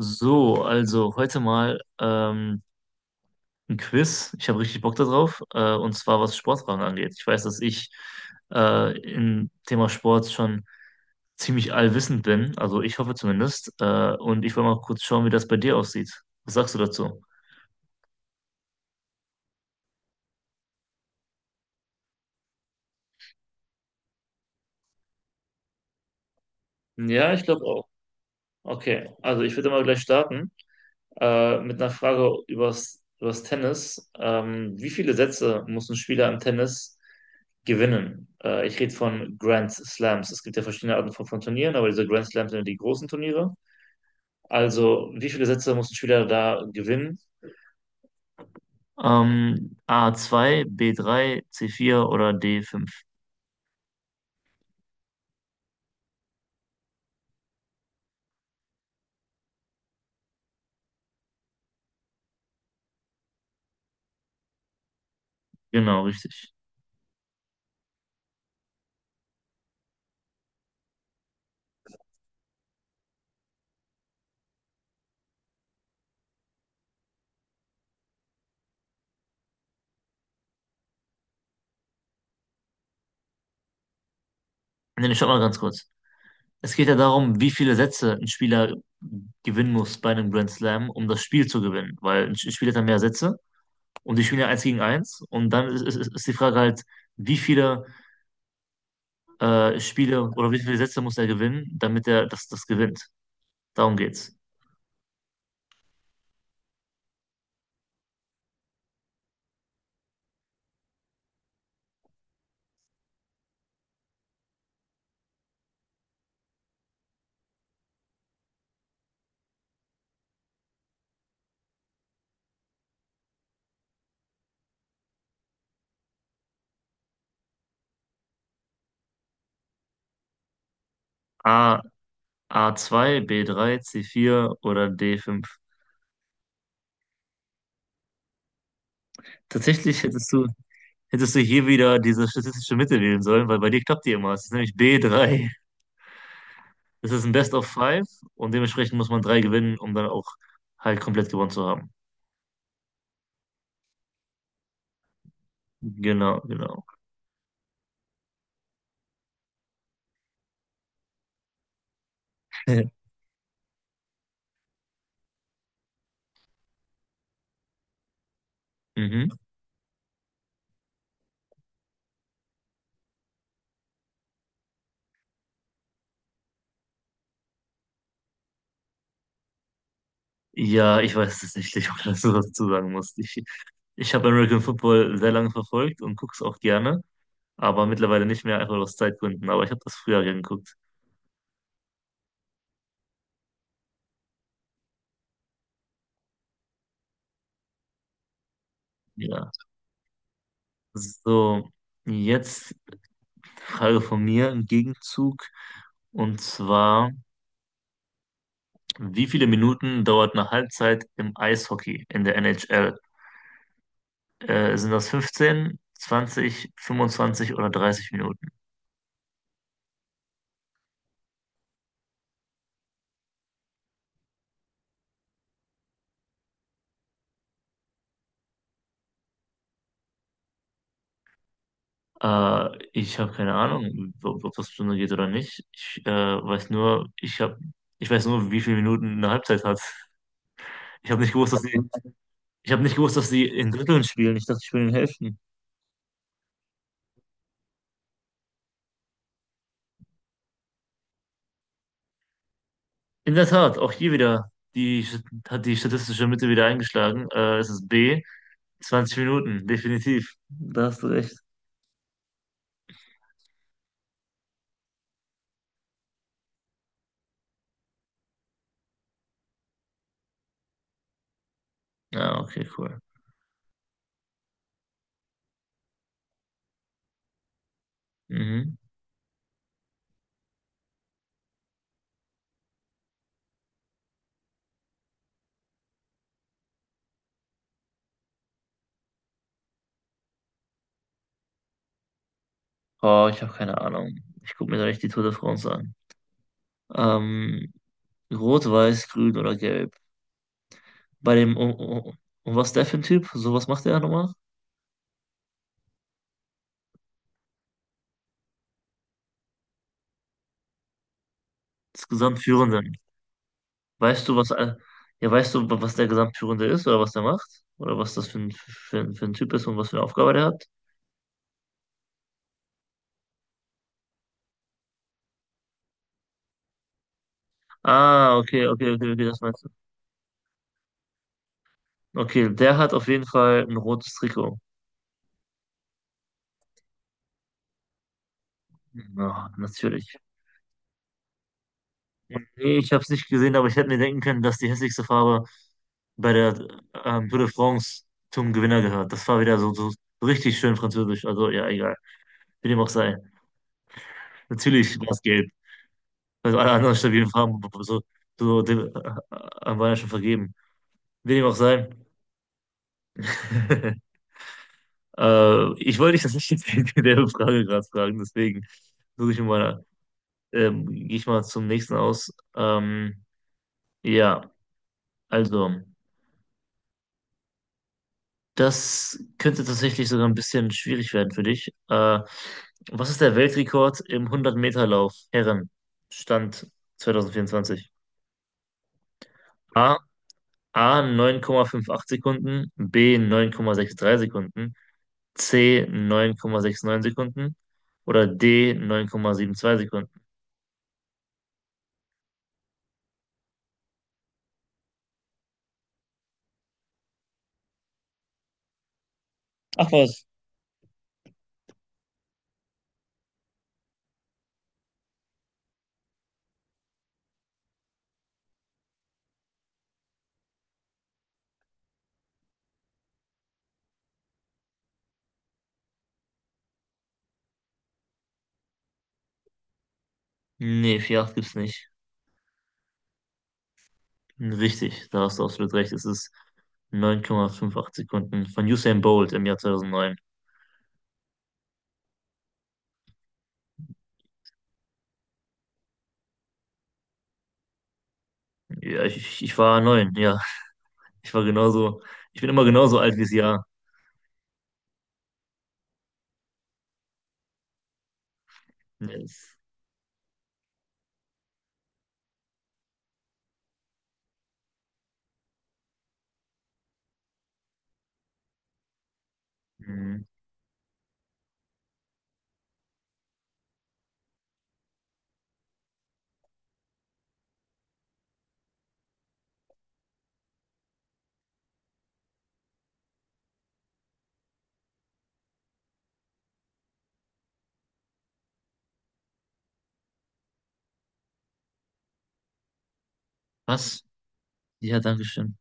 So, also heute mal ein Quiz. Ich habe richtig Bock darauf. Und zwar, was Sportfragen angeht. Ich weiß, dass ich im Thema Sport schon ziemlich allwissend bin. Also ich hoffe zumindest. Und ich wollte mal kurz schauen, wie das bei dir aussieht. Was sagst du dazu? Ja, ich glaube auch. Okay, also ich würde mal gleich starten. Mit einer Frage übers Tennis. Wie viele Sätze muss ein Spieler im Tennis gewinnen? Ich rede von Grand Slams. Es gibt ja verschiedene Arten von Turnieren, aber diese Grand Slams sind ja die großen Turniere. Also, wie viele Sätze muss ein Spieler da gewinnen? A zwei, b drei, c vier oder d fünf? Genau, richtig. Nee, nee, stopp mal ganz kurz. Es geht ja darum, wie viele Sätze ein Spieler gewinnen muss bei einem Grand Slam, um das Spiel zu gewinnen. Weil ein Spieler hat ja mehr Sätze und die spielen ja eins gegen eins. Und dann ist die Frage halt, wie viele Spiele oder wie viele Sätze muss er gewinnen, damit er das gewinnt. Darum geht's. A, A2, b drei, c vier oder d fünf? Tatsächlich hättest du hier wieder diese statistische Mitte wählen sollen, weil bei dir klappt die immer. Es ist nämlich b drei. Es ist ein Best of Five und dementsprechend muss man drei gewinnen, um dann auch halt komplett gewonnen zu haben. Genau, genau. Mhm. Ja, ich weiß tatsächlich, ob das so dazu sagen muss. Ich habe American Football sehr lange verfolgt und gucke es auch gerne, aber mittlerweile nicht mehr, einfach aus Zeitgründen. Aber ich habe das früher gern geguckt. Ja. So, jetzt Frage von mir im Gegenzug. Und zwar, wie viele Minuten dauert eine Halbzeit im Eishockey in der NHL? Sind das 15, 20, 25 oder 30 Minuten? Ich habe keine Ahnung, ob das Stunde geht oder nicht. Ich ich weiß nur, wie viele Minuten eine Halbzeit hat. Ich habe nicht gewusst, dass sie, ich habe nicht gewusst, dass sie in Dritteln spielen. Ich dachte, sie spielen in Hälften. In der Tat, auch hier wieder. Die hat die statistische Mitte wieder eingeschlagen. Es ist B. 20 Minuten, definitiv. Da hast du recht. Ja, okay, cool. Mhm. Oh, ich habe keine Ahnung. Ich gucke mir da nicht die Tour de France an. Ähm, rot, weiß, grün oder gelb. Bei dem, um was ist der für ein Typ? So, was macht der nochmal? Das Gesamtführende. Weißt du, was, all- ja, weißt du, wa- was der Gesamtführende ist oder was der macht? Oder was das für ein, für ein Typ ist und was für eine Aufgabe der hat? Ah, okay, okay, okay, okay, das meinst du. Okay, der hat auf jeden Fall ein rotes Trikot. Na, natürlich. Nee, ich habe es nicht gesehen, aber ich hätte mir denken können, dass die hässlichste Farbe bei der Tour de France zum Gewinner gehört. Das war wieder so, so richtig schön französisch. Also, ja, egal. Wie dem auch sei. Natürlich war es gelb. Also alle anderen stabilen Farben so, waren ja schon vergeben. Wie dem auch sei. Ich wollte dich das nicht jetzt in der Frage gerade fragen, deswegen suche ich mal, gehe ich mal zum nächsten aus. Ja, also, Das könnte tatsächlich sogar ein bisschen schwierig werden für dich. Was ist der Weltrekord im 100-Meter-Lauf Herren? Stand 2024. A, A 9,58 Sekunden, B 9,63 Sekunden, C 9,69 Sekunden oder D 9,72 Sekunden. Ach was. Nee, vier Komma acht gibt's nicht. Richtig, da hast du absolut recht. Es ist 9,58 Sekunden von Usain Bolt im Jahr 2009. Ich ich war neun, ja. Ich war genauso, Ich bin immer genauso alt wie das Jahr. Yes. Mhm. Was? Ja, danke schön.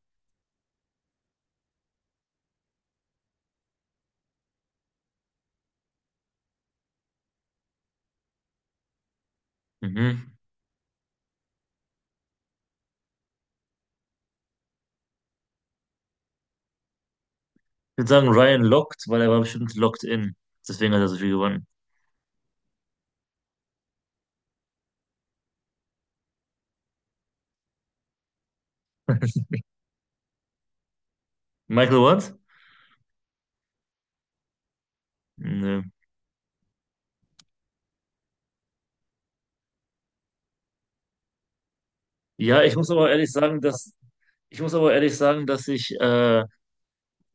Mhm. Ich würde sagen, Ryan lockt, weil er war bestimmt locked in. Deswegen hat er so viel gewonnen. Michael What? Nö. Ja, ich muss aber ehrlich sagen, dass ich muss aber ehrlich sagen, dass ich äh,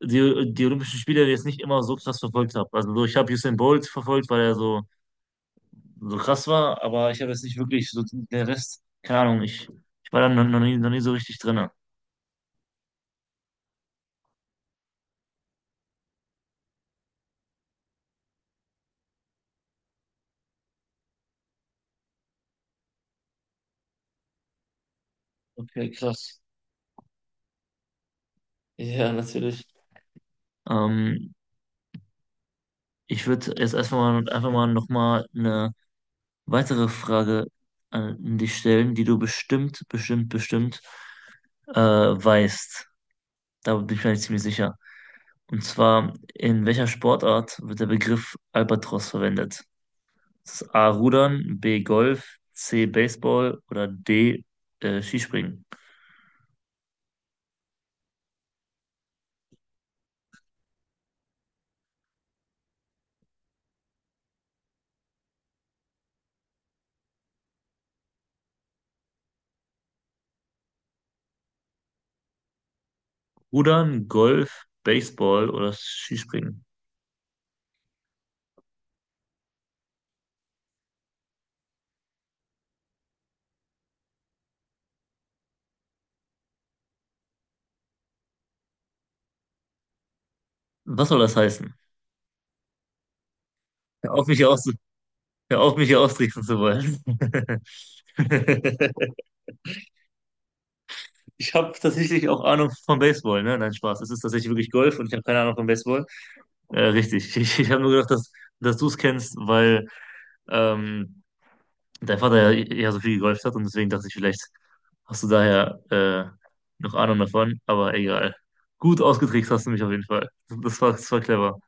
die, die Olympischen Spiele jetzt nicht immer so krass verfolgt habe. Also so, ich habe Usain Bolt verfolgt, weil er so, so krass war, aber ich habe jetzt nicht wirklich so den Rest, keine Ahnung, ich war da noch nie so richtig drin. Okay, krass. Ja, natürlich. Ähm, ich würde jetzt erstmal mal, einfach mal nochmal eine weitere Frage an dich stellen, die du bestimmt weißt. Da bin ich mir eigentlich ziemlich sicher. Und zwar, in welcher Sportart wird der Begriff Albatros verwendet? Das ist A. Rudern, B. Golf, C. Baseball oder D. Skispringen. Rudern, Golf, Baseball oder Skispringen? Was soll das heißen? Hör auf, mich hier aus, Hör auf, mich hier austricksen zu wollen. Ich habe tatsächlich auch Ahnung von Baseball, ne? Nein, Spaß. Es ist tatsächlich wirklich Golf und ich habe keine Ahnung von Baseball. Richtig. Ich habe nur gedacht, dass du es kennst, weil ähm, dein Vater ja eher so viel gegolft hat und deswegen dachte ich, vielleicht hast du daher noch Ahnung davon, aber egal. Gut ausgetrickst hast du mich auf jeden Fall. Das war clever.